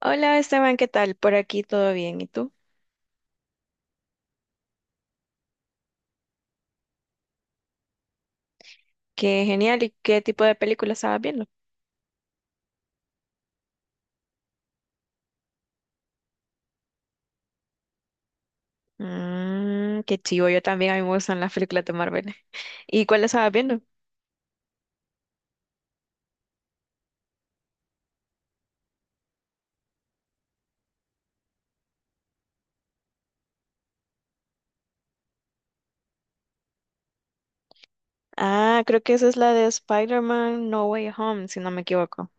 Hola Esteban, ¿qué tal? Por aquí todo bien. ¿Y tú? Qué genial. ¿Y qué tipo de película estabas viendo? Mmm, qué chivo. Yo también, a mí me gustan las películas de Marvel. ¿Y cuál estabas viendo? Ah, creo que esa es la de Spider-Man No Way Home, si no me equivoco.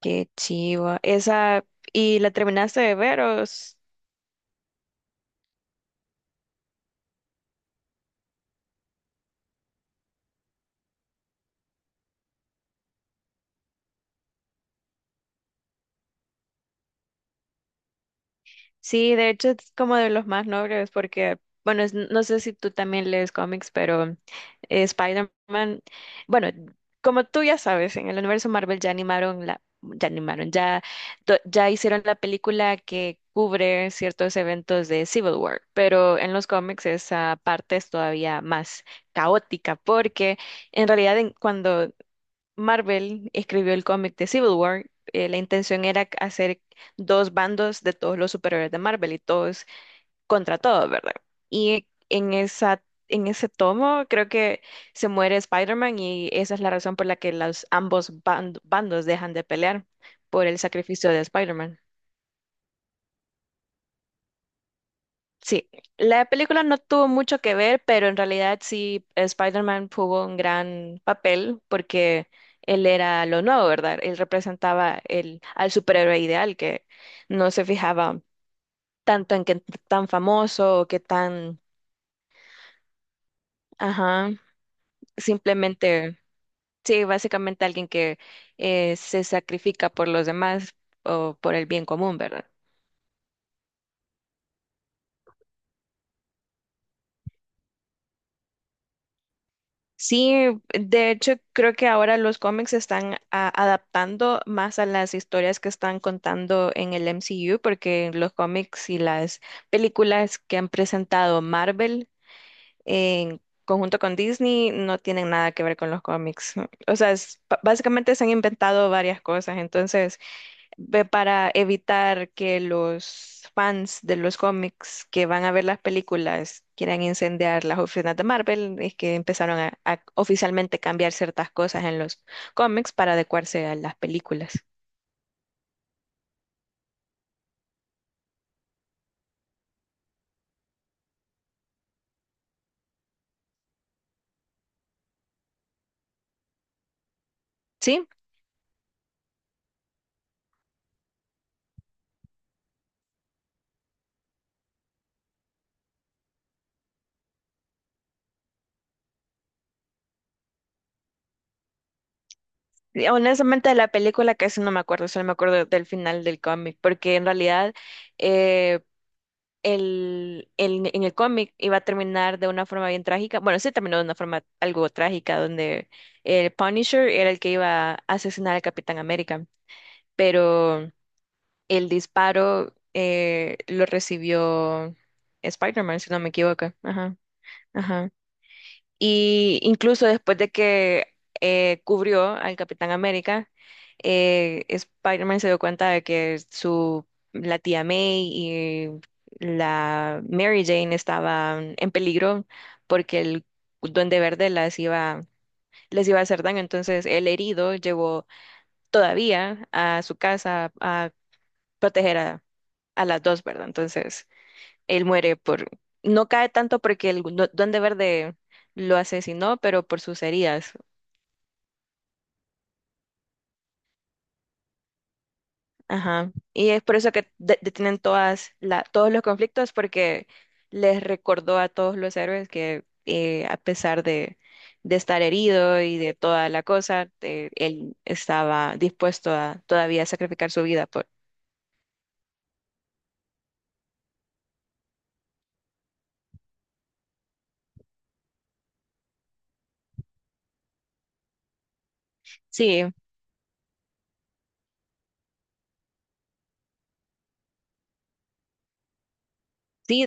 Qué chivo. Esa, ¿y la terminaste de ver o...? Sí, de hecho es como de los más nobles porque, bueno, no sé si tú también lees cómics, pero Spider-Man, bueno, como tú ya sabes, en el universo Marvel ya animaron la, ya animaron, ya, do- ya hicieron la película que cubre ciertos eventos de Civil War, pero en los cómics esa parte es todavía más caótica porque en realidad cuando Marvel escribió el cómic de Civil War, la intención era hacer dos bandos de todos los superhéroes de Marvel y todos contra todos, ¿verdad? Y en esa, en ese tomo creo que se muere Spider-Man y esa es la razón por la que ambos bandos dejan de pelear por el sacrificio de Spider-Man. Sí, la película no tuvo mucho que ver, pero en realidad sí Spider-Man tuvo un gran papel porque él era lo nuevo, ¿verdad? Él representaba al superhéroe ideal que no se fijaba tanto en qué tan famoso o qué tan, ajá, simplemente, sí, básicamente alguien que se sacrifica por los demás o por el bien común, ¿verdad? Sí, de hecho creo que ahora los cómics se están adaptando más a las historias que están contando en el MCU, porque los cómics y las películas que han presentado Marvel en conjunto con Disney no tienen nada que ver con los cómics. O sea, básicamente se han inventado varias cosas, entonces ve para evitar que los fans de los cómics que van a ver las películas quieran incendiar las oficinas de Marvel, es que empezaron a oficialmente cambiar ciertas cosas en los cómics para adecuarse a las películas. Sí, y honestamente de la película casi no me acuerdo, solo me acuerdo del final del cómic, porque en realidad eh, en el cómic iba a terminar de una forma bien trágica. Bueno, sí terminó de una forma algo trágica, donde el Punisher era el que iba a asesinar al Capitán América, pero el disparo lo recibió Spider-Man, si no me equivoco. Ajá, ajá. Y incluso después de que cubrió al Capitán América, Spider-Man se dio cuenta de que la tía May y la Mary Jane estaban en peligro porque el Duende Verde les iba a hacer daño. Entonces, el herido llegó todavía a su casa a proteger a las dos, ¿verdad? Entonces, él muere por, no cae tanto porque el Duende Verde lo asesinó, pero por sus heridas. Ajá. Y es por eso que detienen todos los conflictos porque les recordó a todos los héroes que a pesar de estar herido y de toda la cosa, él estaba dispuesto a todavía sacrificar su vida por... Sí, sí.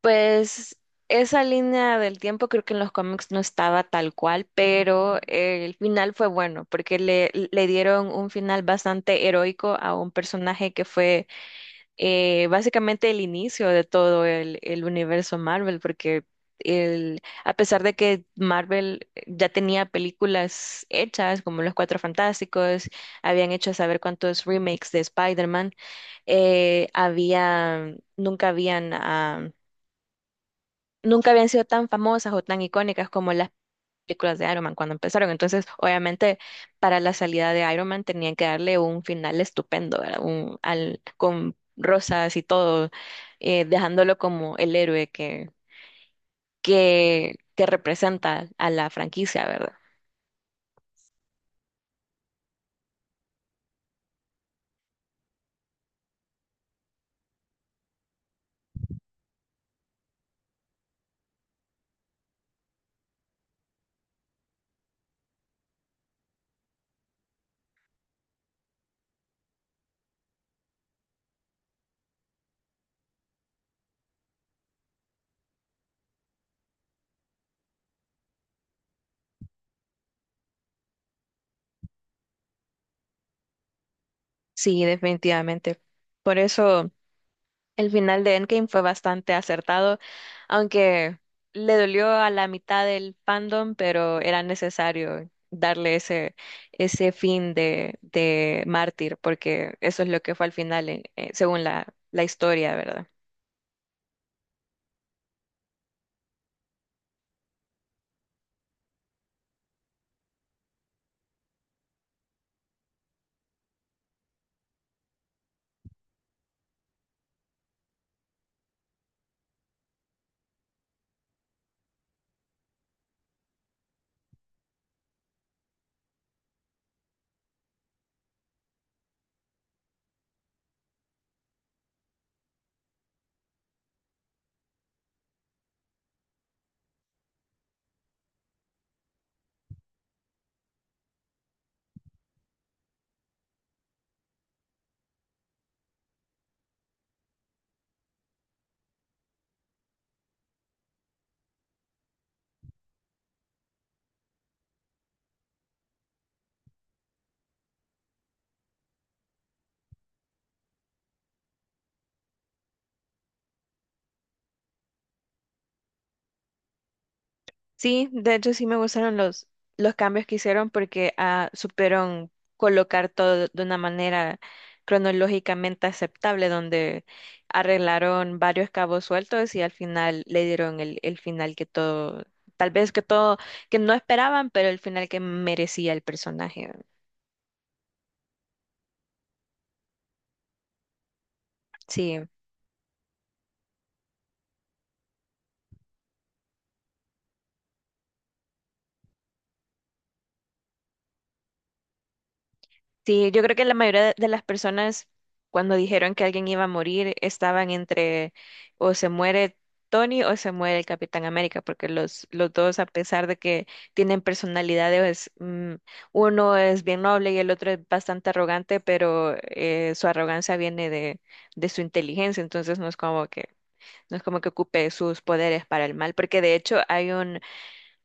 Pues esa línea del tiempo creo que en los cómics no estaba tal cual, pero el final fue bueno porque le dieron un final bastante heroico a un personaje que fue básicamente el inicio de todo el universo Marvel, porque el, a pesar de que Marvel ya tenía películas hechas como Los Cuatro Fantásticos, habían hecho saber cuántos remakes de Spider-Man, nunca habían... ah, nunca habían sido tan famosas o tan icónicas como las películas de Iron Man cuando empezaron. Entonces, obviamente, para la salida de Iron Man tenían que darle un final estupendo, ¿verdad? Un, al, con rosas y todo, dejándolo como el héroe que, que representa a la franquicia, ¿verdad? Sí, definitivamente. Por eso. El final de Endgame fue bastante acertado, aunque le dolió a la mitad del fandom, pero era necesario darle ese, ese fin de mártir, porque eso es lo que fue al final, según la historia, ¿verdad? Sí, de hecho sí me gustaron los cambios que hicieron porque ah, supieron colocar todo de una manera cronológicamente aceptable, donde arreglaron varios cabos sueltos y al final le dieron el final que todo, tal vez que todo, que no esperaban, pero el final que merecía el personaje. Sí, sí, yo creo que la mayoría de las personas cuando dijeron que alguien iba a morir estaban entre o se muere Tony o se muere el Capitán América, porque los dos, a pesar de que tienen personalidades, mm, uno es bien noble y el otro es bastante arrogante, pero su arrogancia viene de su inteligencia, entonces no es como que, no es como que ocupe sus poderes para el mal, porque de hecho hay un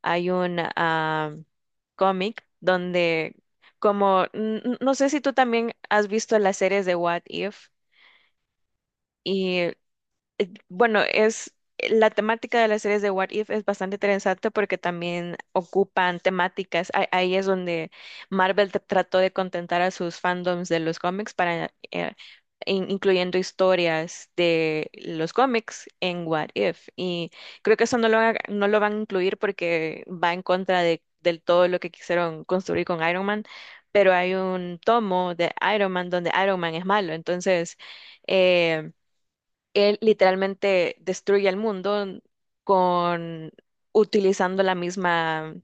hay un cómic donde, como, no sé si tú también has visto las series de What If, y Bueno, es la temática de las series de What If es bastante interesante porque también ocupan temáticas. Ahí es donde Marvel trató de contentar a sus fandoms de los cómics para incluyendo historias de los cómics en What If. Y creo que eso no lo van a incluir porque va en contra de del todo lo que quisieron construir con Iron Man. Pero hay un tomo de Iron Man donde Iron Man es malo. Entonces, eh, él literalmente destruye el mundo con utilizando la misma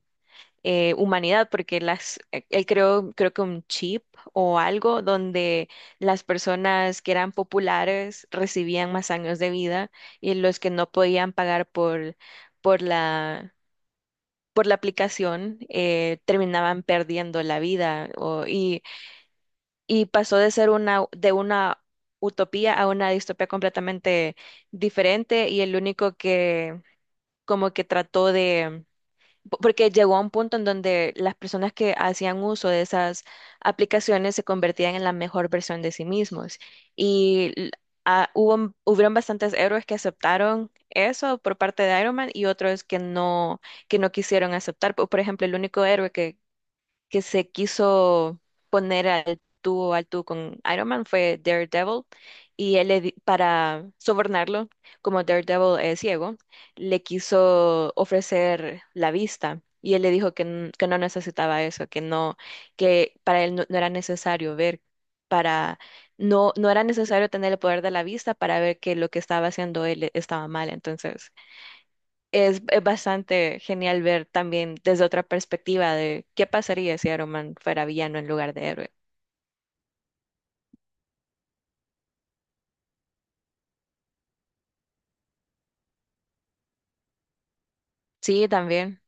humanidad, porque él creó, creo que un chip o algo donde las personas que eran populares recibían más años de vida y los que no podían pagar por la, por la aplicación terminaban perdiendo la vida. Y y pasó de ser una, de una utopía a una distopía completamente diferente y el único que como que trató de, porque llegó a un punto en donde las personas que hacían uso de esas aplicaciones se convertían en la mejor versión de sí mismos y hubieron bastantes héroes que aceptaron eso por parte de Iron Man y otros que no quisieron aceptar. Por ejemplo, el único héroe que se quiso poner al tú con Iron Man fue Daredevil y él para sobornarlo, como Daredevil es ciego, le quiso ofrecer la vista y él le dijo que no necesitaba eso, que no, que para él no, no era necesario ver para no no era necesario tener el poder de la vista para ver que lo que estaba haciendo él estaba mal, entonces es bastante genial ver también desde otra perspectiva de qué pasaría si Iron Man fuera villano en lugar de héroe. Sí, también.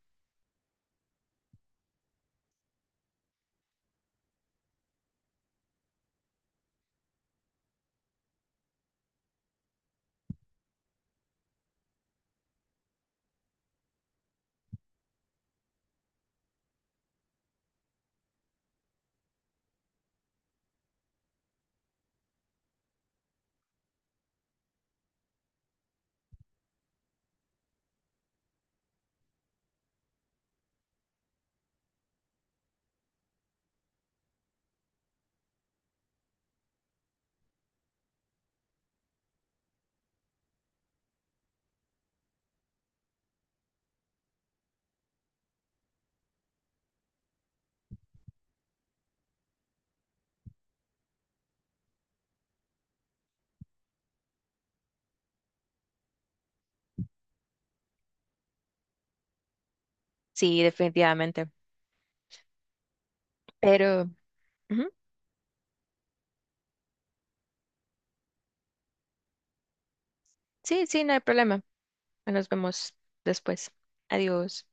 Sí, definitivamente. Pero ujú, sí, sí, no hay problema. Nos vemos después. Adiós.